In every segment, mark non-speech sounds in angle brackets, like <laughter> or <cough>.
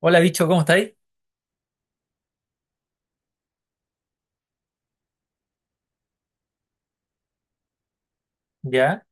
Hola, bicho, ¿cómo estáis? Ya.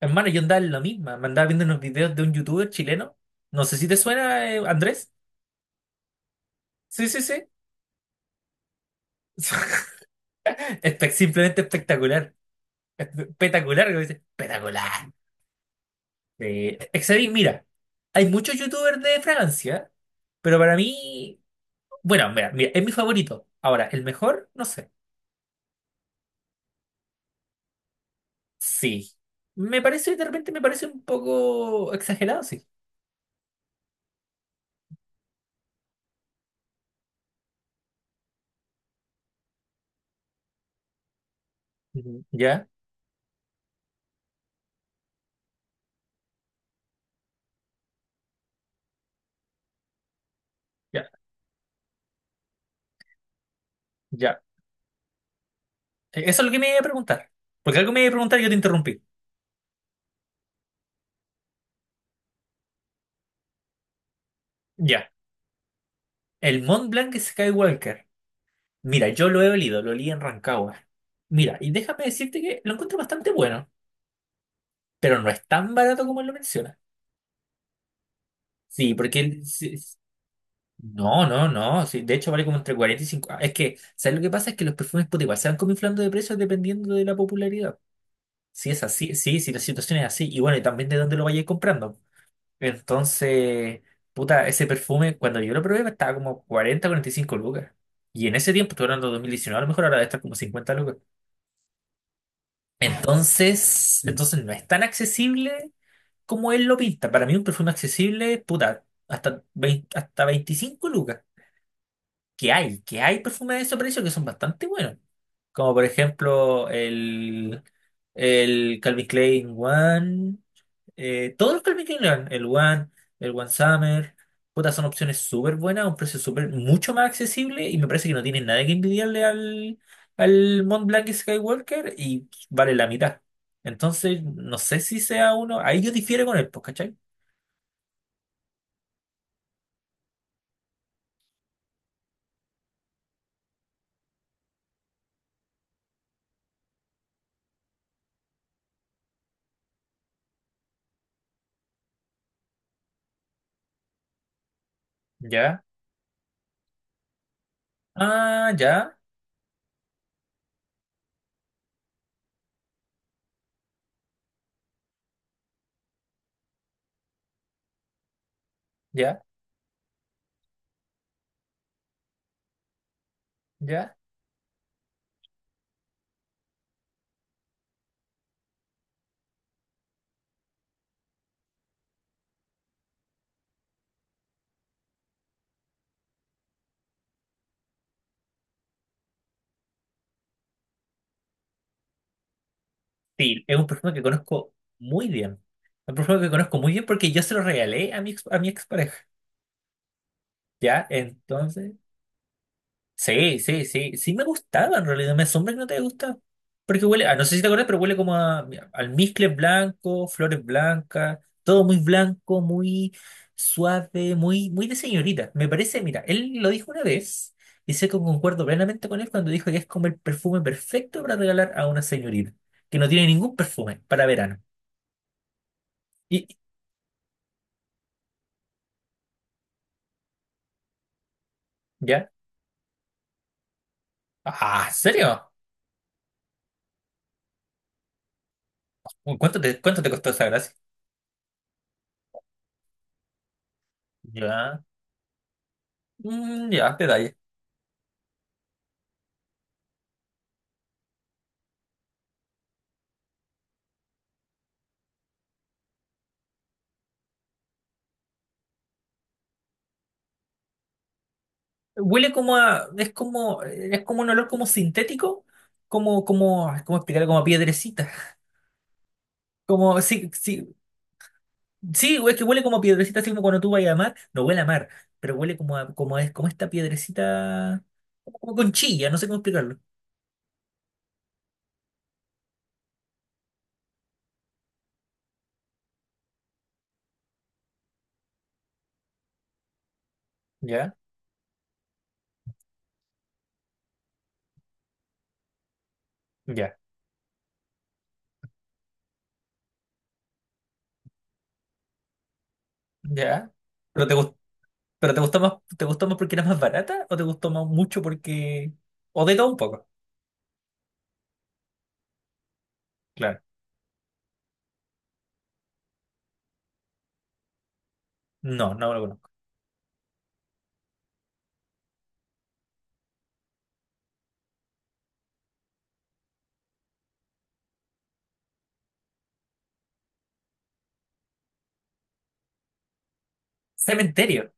Hermano, yo andaba en la misma. Me andaba viendo unos videos de un youtuber chileno. No sé si te suena, Andrés. Sí, sí, sí. <laughs> Simplemente espectacular. Espectacular, como dice. Espectacular. Excedí, mira, hay muchos youtubers de Francia, pero para mí, bueno, mira, es mi favorito. Ahora, el mejor, no sé. Sí. Me parece, de repente me parece un poco exagerado, sí. Ujú. Ya, ya, ya. Eso es lo que me iba a preguntar. Porque algo me iba a preguntar y yo te interrumpí. Ya, el Mont Blanc Skywalker. Mira, yo lo he olido, lo olí en Rancagua. Mira, y déjame decirte que lo encuentro bastante bueno, pero no es tan barato como él lo menciona. Sí, sí, sí. No, no, no. Sí, de hecho, vale como entre 40 y 50. Es que, ¿sabes lo que pasa? Es que los perfumes puta, igual se van como inflando de precios dependiendo de la popularidad. Si es así, sí, si la situación es así, y bueno, y también de dónde lo vayas comprando. Entonces, puta, ese perfume, cuando yo lo probé, estaba como 40, 45 lucas. Y en ese tiempo, estoy hablando de 2019. A lo mejor ahora debe estar como 50 lucas. Entonces no es tan accesible como él lo pinta. Para mí, un perfume accesible, puta, hasta 20 hasta 25 lucas. Que hay perfumes de ese precio que son bastante buenos. Como por ejemplo el, Calvin Klein One. Todos los Calvin Klein, el One Summer, puta, son opciones súper buenas, a un precio súper mucho más accesible y me parece que no tienen nada que envidiarle al Mont Blanc y Skywalker y vale la mitad. Entonces, no sé si sea uno, ahí yo difiero con él, pues, ¿cachai? Ya. Ah, ya, ya, ya. Sí, es un perfume que conozco muy bien. Un perfume que conozco muy bien porque yo se lo regalé a mi expareja. Ya, entonces. Sí, sí, sí. Sí me gustaba en realidad. Me asombra que no te gusta. Porque huele, no sé si te acuerdas, pero huele como a mira, almizcle blanco, flores blancas, todo muy blanco, muy suave, muy, muy de señorita. Me parece, mira, él lo dijo una vez, y sé que concuerdo plenamente con él cuando dijo que es como el perfume perfecto para regalar a una señorita, que no tiene ningún perfume para verano. ¿Y ya? Ah, ¿en serio? Uy, ¿Cuánto te costó esa gracia? Ya. Mm, ya, detalle. Huele como a, es como un olor como sintético, ¿Cómo explicarlo? Como a piedrecita. Sí, sí, sí, es que huele como a piedrecita, así como cuando tú vas a mar, no huele a mar, pero huele como a, como es, como esta piedrecita, como conchilla, no sé cómo explicarlo. Ya, ya, ya. Pero te gustó, pero te gustó más, te gustó más porque era más barata, o te gustó más mucho porque, o de todo un poco, claro. No, no lo conozco. Cementerio.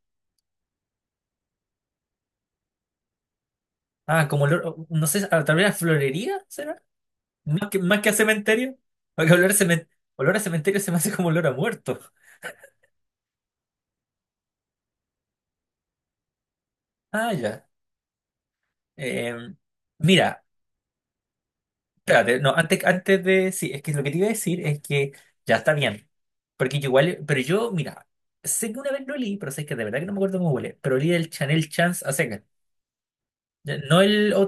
Ah, como olor, no sé, tal vez a florería. Más que a cementerio, porque olor a cementerio se me hace como olor a muerto. Ah, ya. Eh, mira, espérate, no, antes de. Sí, es que lo que te iba a decir es que ya está bien. Porque yo igual, pero yo, mira, sé que una vez lo olí, pero sé que de verdad que no me acuerdo cómo huele, pero olí el Chanel Chance a secas. Ya. No el O.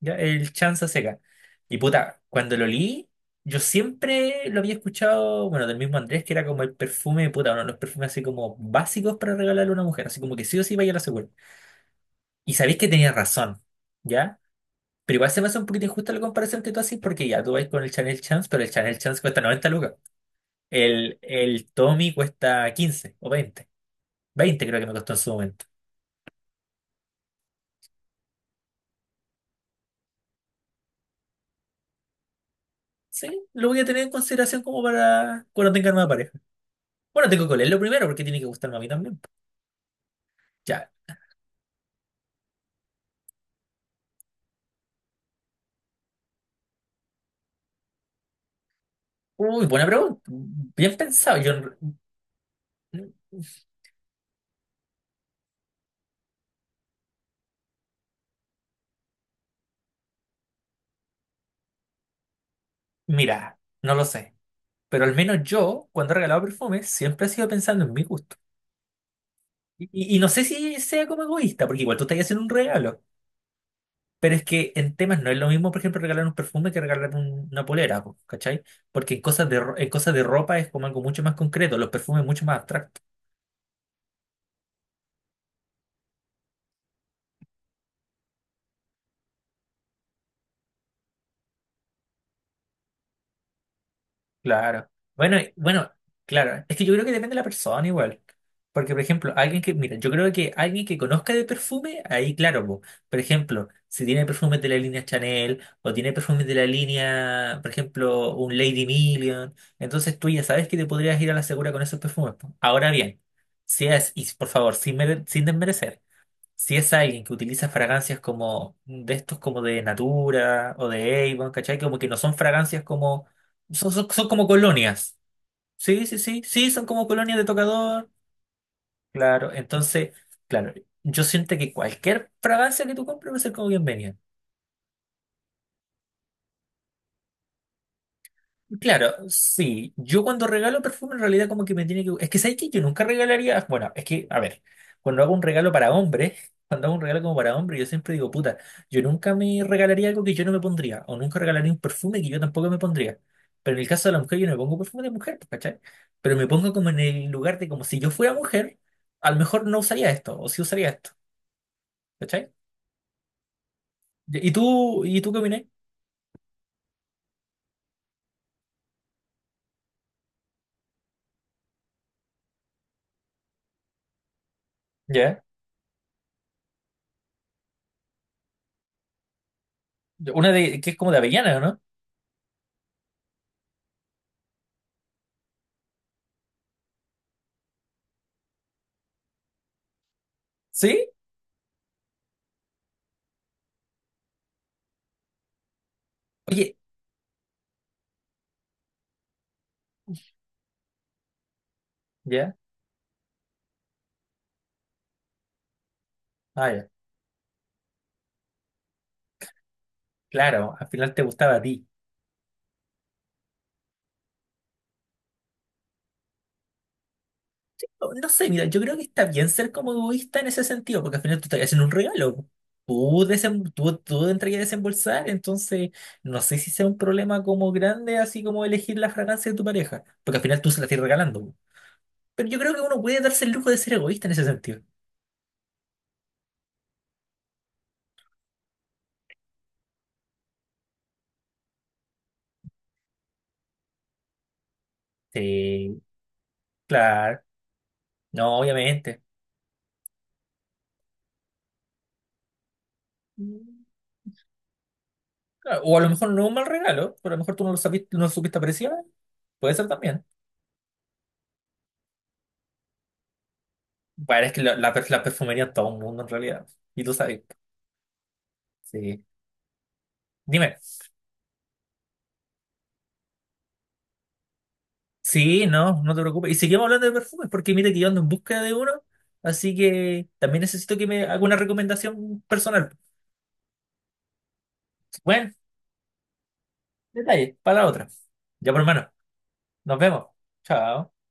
Ya, el chanza seca. Y puta, cuando lo leí, yo siempre lo había escuchado, bueno, del mismo Andrés, que era como el perfume, puta, uno de los perfumes así como básicos para regalarle a una mujer, así como que sí o sí vaya a la segura. Y sabéis que tenía razón, ¿ya? Pero igual se me hace un poquito injusta la comparación que tú haces, porque ya tú vais con el Chanel Chance, pero el Chanel Chance cuesta 90 lucas. El Tommy cuesta 15 o 20. 20 creo que me costó en su momento. Sí, lo voy a tener en consideración como para cuando tenga nueva pareja. Bueno, tengo que leerlo primero porque tiene que gustarme a mí también. Ya. Uy, buena pregunta. Bien pensado. Yo, mira, no lo sé. Pero al menos yo, cuando he regalado perfumes, siempre he sido pensando en mi gusto. Y no sé si sea como egoísta, porque igual tú estás haciendo un regalo. Pero es que en temas no es lo mismo, por ejemplo, regalar un perfume que regalar una polera, po, ¿cachai? Porque en cosas de ropa es como algo mucho más concreto, los perfumes mucho más abstractos. Claro. Bueno, claro. Es que yo creo que depende de la persona igual. Porque, por ejemplo, alguien que, mira, yo creo que alguien que conozca de perfume, ahí claro, po. Por ejemplo, si tiene perfumes de la línea Chanel o tiene perfumes de la línea, por ejemplo, un Lady Million, entonces tú ya sabes que te podrías ir a la segura con esos perfumes, po. Ahora bien, si es, y por favor, sin desmerecer. Si es alguien que utiliza fragancias como de estos como de Natura o de Avon, ¿cachai? Como que no son fragancias como... Son como colonias. Sí, sí, sí, sí, son como colonias de tocador. Claro, entonces, claro, yo siento que cualquier fragancia que tú compres va a ser como bienvenida. Claro, sí. Yo cuando regalo perfume, en realidad como que me tiene que... Es que, ¿sabes que yo nunca regalaría...? Bueno, es que, a ver, cuando hago un regalo para hombres, <laughs> cuando hago un regalo como para hombres, yo siempre digo, puta, yo nunca me regalaría algo que yo no me pondría, o nunca regalaría un perfume que yo tampoco me pondría. Pero en el caso de la mujer, yo no me pongo perfume de mujer, pues, ¿cachai? Pero me pongo como en el lugar de como si yo fuera mujer, a lo mejor no usaría esto, o sí usaría esto, ¿cachai? ¿Y tú qué opinas? Ya. Una de, que es como de avellana, ¿o no? ¿Sí? Oye, ya. Ah, ya. Claro, al final te gustaba a ti. No, no sé, mira, yo creo que está bien ser como egoísta en ese sentido, porque al final tú estás haciendo un regalo. Tú entrarías a desembolsar, entonces no sé si sea un problema como grande, así como elegir la fragancia de tu pareja, porque al final tú se la estás regalando. Pero yo creo que uno puede darse el lujo de ser egoísta en ese sentido. Sí, claro, no, obviamente. Mm, claro, o a lo mejor no es un mal regalo, pero a lo mejor tú no lo sabiste, no lo supiste apreciar, puede ser también. Bueno, es que la, la perfumería es todo un mundo en realidad, y tú sabes. Sí. Dime, sí, no, no te preocupes. Y seguimos hablando de perfumes, porque mira que yo ando en búsqueda de uno, así que también necesito que me haga una recomendación personal. Bueno, detalle, para la otra. Ya, por hermano, nos vemos. Chao.